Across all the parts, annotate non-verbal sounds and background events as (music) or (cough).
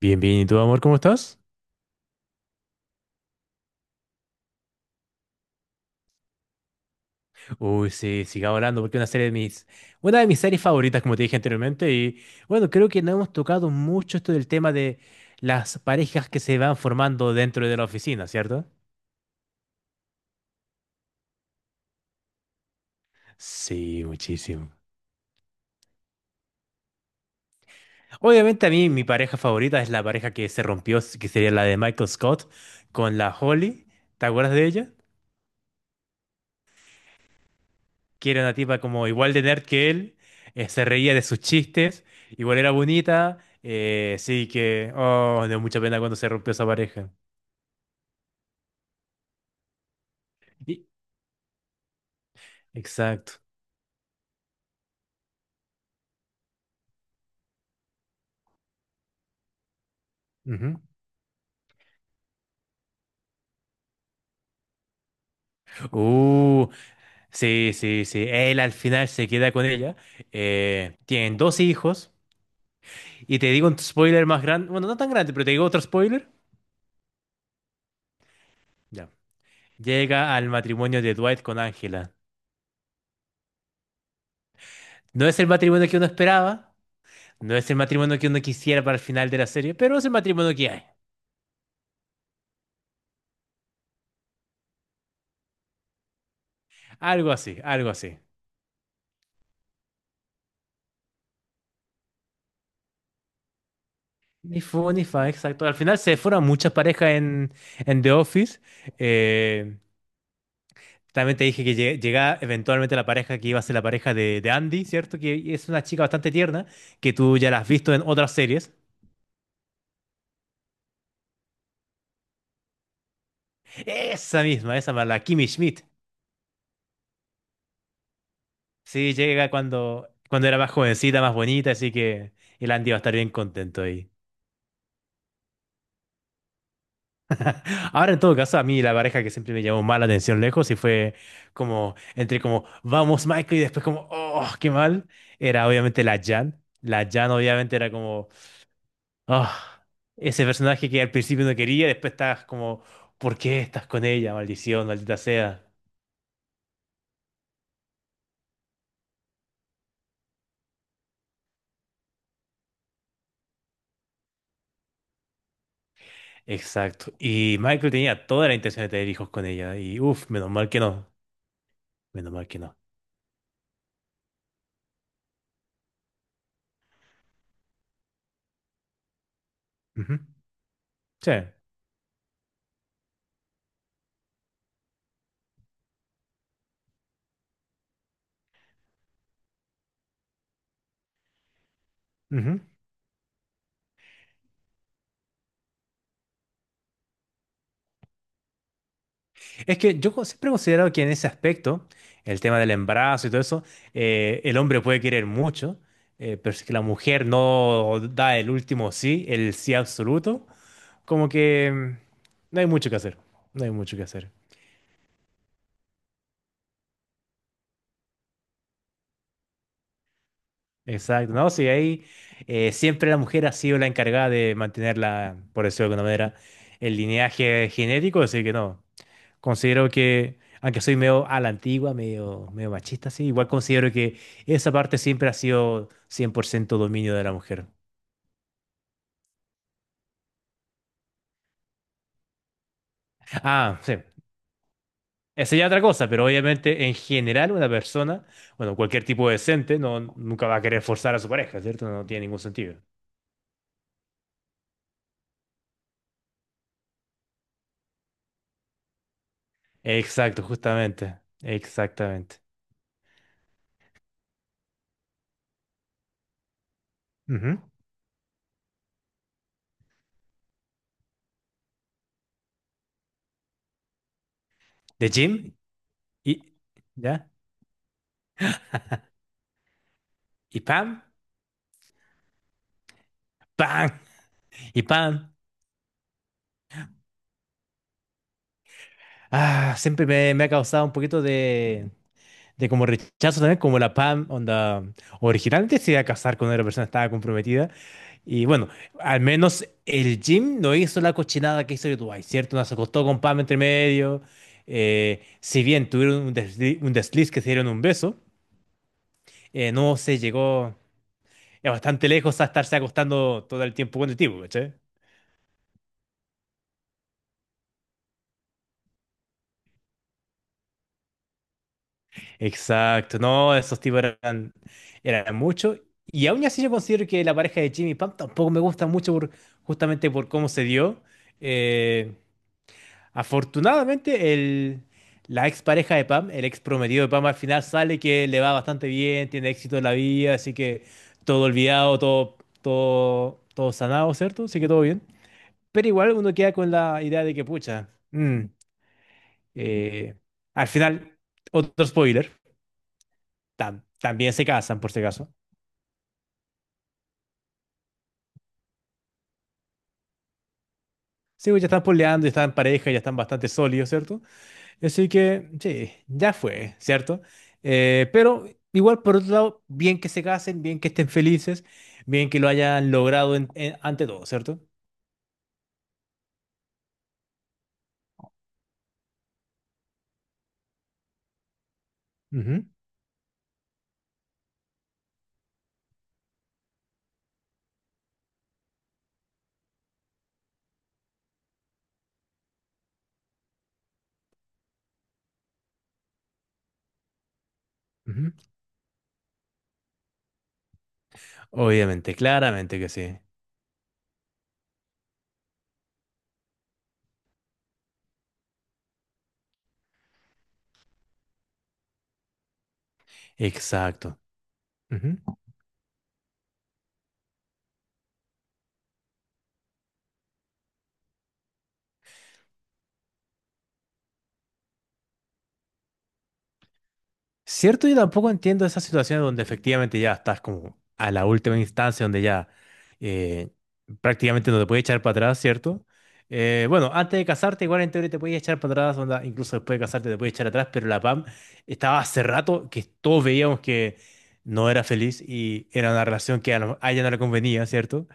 Bien, bien, ¿y tú, amor, cómo estás? Uy, sí, siga hablando porque es una serie de una de mis series favoritas, como te dije anteriormente, y bueno, creo que no hemos tocado mucho esto del tema de las parejas que se van formando dentro de la oficina, ¿cierto? Sí, muchísimo. Obviamente a mí mi pareja favorita es la pareja que se rompió, que sería la de Michael Scott con la Holly. ¿Te acuerdas de ella? Que era una tipa como igual de nerd que él, se reía de sus chistes, igual era bonita, sí que, oh, me dio mucha pena cuando se rompió esa pareja. Y- Exacto. Ujú. Uh, sí, sí, sí. Él al final se queda con ella. Tienen dos hijos. Y te digo un spoiler más grande, bueno, no tan grande, pero te digo otro spoiler. Ya. Llega al matrimonio de Dwight con Angela. No es el matrimonio que uno esperaba, no es el matrimonio que uno quisiera para el final de la serie, pero es el matrimonio que hay. Algo así, algo así. Ni fu ni fa, exacto. Al final se fueron muchas parejas en The Office. Eh, también te dije que llegaba eventualmente la pareja que iba a ser la pareja de Andy, ¿cierto? Que es una chica bastante tierna, que tú ya la has visto en otras series. Esa misma, esa más, la Kimmy Schmidt. Sí, llega cuando era más jovencita, más bonita, así que el Andy va a estar bien contento ahí. Ahora, en todo caso, a mí la pareja que siempre me llamó más la atención lejos y fue como, entre como, vamos, Michael, y después como, oh, qué mal, era obviamente la Jan. La Jan obviamente era como, ah, ese personaje que al principio no quería, después estás como, ¿por qué estás con ella? Maldición, maldita sea. Exacto. Y Michael tenía toda la intención de tener hijos con ella y, uff, menos mal que no, menos mal que no. Ujú. Sí. Ujú. Es que yo siempre he considerado que en ese aspecto, el tema del embarazo y todo eso, el hombre puede querer mucho, pero si que la mujer no da el último sí, el sí absoluto, como que mm, no hay mucho que hacer, no hay mucho que hacer. Exacto, no, sí, ahí siempre la mujer ha sido la encargada de mantener la, por decirlo de alguna manera, el lineaje genético, así que no. Considero que, aunque soy medio a la antigua, medio, medio machista, sí, igual considero que esa parte siempre ha sido 100% dominio de la mujer. Ah, sí, esa ya es otra cosa, pero obviamente en general una persona, bueno, cualquier tipo decente, no, nunca va a querer forzar a su pareja, ¿cierto? No tiene ningún sentido. Exacto, justamente, exactamente. Ujú. De Jim y, ¿ya? Y Pam, Pam, y Pam. Ah, siempre me ha causado un poquito de como rechazo también, como la Pam, onda, originalmente se iba a casar con una persona que estaba comprometida. Y bueno, al menos el Jim no hizo la cochinada que hizo el Dwight, ¿cierto? No se acostó con Pam entre medio. Si bien tuvieron un desliz que se dieron un beso, no se llegó bastante lejos a estarse acostando todo el tiempo con el tipo, ¿cachai? Exacto, no, esos tipos eran mucho. Y aún así yo considero que la pareja de Jimmy y Pam tampoco me gusta mucho justamente por cómo se dio. Eh, afortunadamente la ex pareja de Pam, el ex prometido de Pam al final sale que le va bastante bien, tiene éxito en la vida, así que todo olvidado, todo, todo, todo sanado, ¿cierto? Así que todo bien. Pero igual uno queda con la idea de que, pucha, mm, eh, al final, otro spoiler también se casan, por si acaso. Sí, pues ya están poleando, ya están en pareja, ya están bastante sólidos, ¿cierto? Así que, sí, ya fue, ¿cierto? Pero igual, por otro lado, bien que se casen, bien que estén felices, bien que lo hayan logrado ante todo, ¿cierto? Ujú, ujú. Obviamente, claramente que sí. Exacto. Ujú. Cierto, yo tampoco entiendo esas situaciones donde efectivamente ya estás como a la última instancia, donde ya eh, prácticamente no te puedes echar para atrás, ¿cierto? Bueno, antes de casarte, igual en teoría te puedes echar para atrás, onda, incluso después de casarte te puedes echar atrás, pero la PAM estaba hace rato que todos veíamos que no era feliz y era una relación que a ella no le convenía, ¿cierto?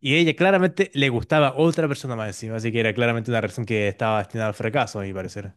Y ella claramente le gustaba otra persona más encima, así que era claramente una relación que estaba destinada al fracaso, a mi parecer.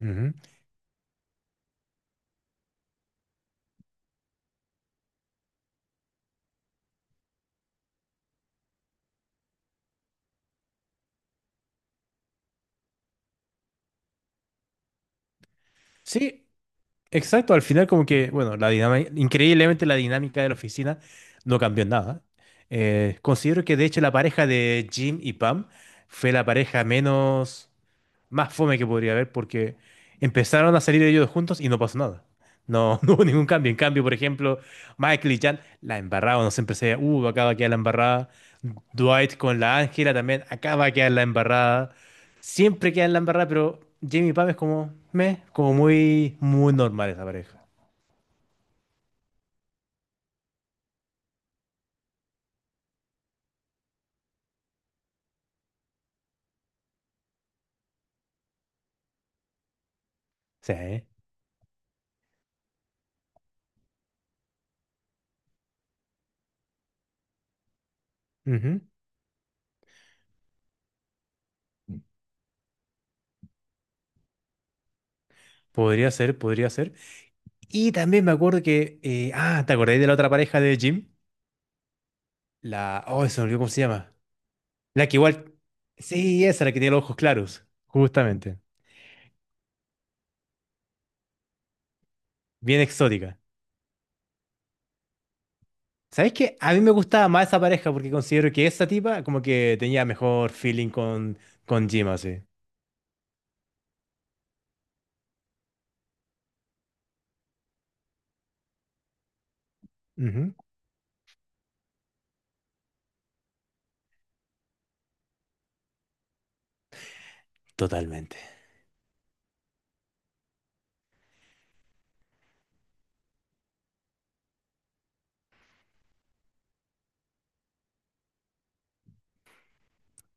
Ujú. Sí, exacto, al final como que, bueno, la dinámica, increíblemente la dinámica de la oficina no cambió en nada. Considero que de hecho la pareja de Jim y Pam fue la pareja menos más fome que podría haber porque empezaron a salir ellos juntos y no pasó nada. No, (laughs) no hubo ningún cambio. En cambio, por ejemplo, Michael y Jan la embarraban, no siempre se decía, acá va a quedar la embarrada. Dwight con la Ángela también, acá va a quedar la embarrada. Siempre queda en la embarrada, pero Jamie y Pam es como, meh, como muy, muy normal esa pareja. Sí. ¿Eh? Ujú. Podría ser, podría ser. Y también me acuerdo que, ah, ¿te acordáis de la otra pareja de Jim? Oh, se me olvidó cómo se llama. La que igual. Sí, esa, la que tiene los ojos claros. Justamente. Bien exótica. ¿Sabes qué? A mí me gustaba más esa pareja porque considero que esa tipa como que tenía mejor feeling con Jim, así. Ujú. Totalmente.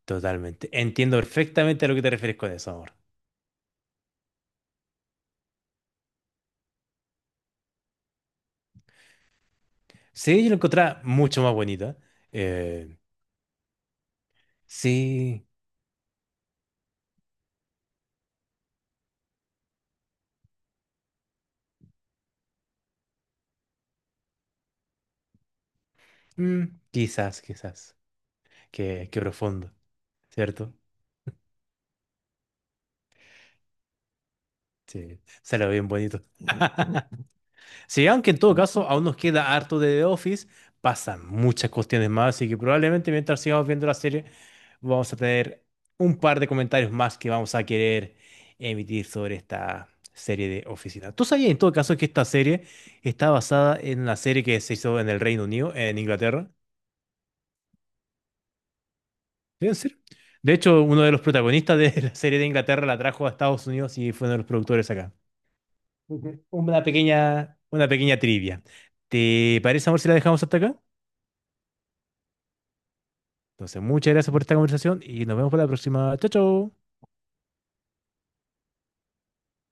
Totalmente. Entiendo perfectamente a lo que te refieres con eso, amor. Sí, yo la encontraba mucho más bonita. Eh, sí. Mm, quizás, quizás. Qué, qué profundo, ¿cierto? Sí, se lo ve bien bonito. Sí, aunque en todo caso aún nos queda harto de The Office, pasan muchas cuestiones más, así que probablemente mientras sigamos viendo la serie vamos a tener un par de comentarios más que vamos a querer emitir sobre esta serie de Oficina. ¿Tú sabías en todo caso que esta serie está basada en una serie que se hizo en el Reino Unido, en Inglaterra? ¿Sí, en serio? De hecho, uno de los protagonistas de la serie de Inglaterra la trajo a Estados Unidos y fue uno de los productores acá. Ujú. Una pequeña trivia. ¿Te parece, amor, si la dejamos hasta acá? Entonces, muchas gracias por esta conversación y nos vemos para la próxima. Chao, chao.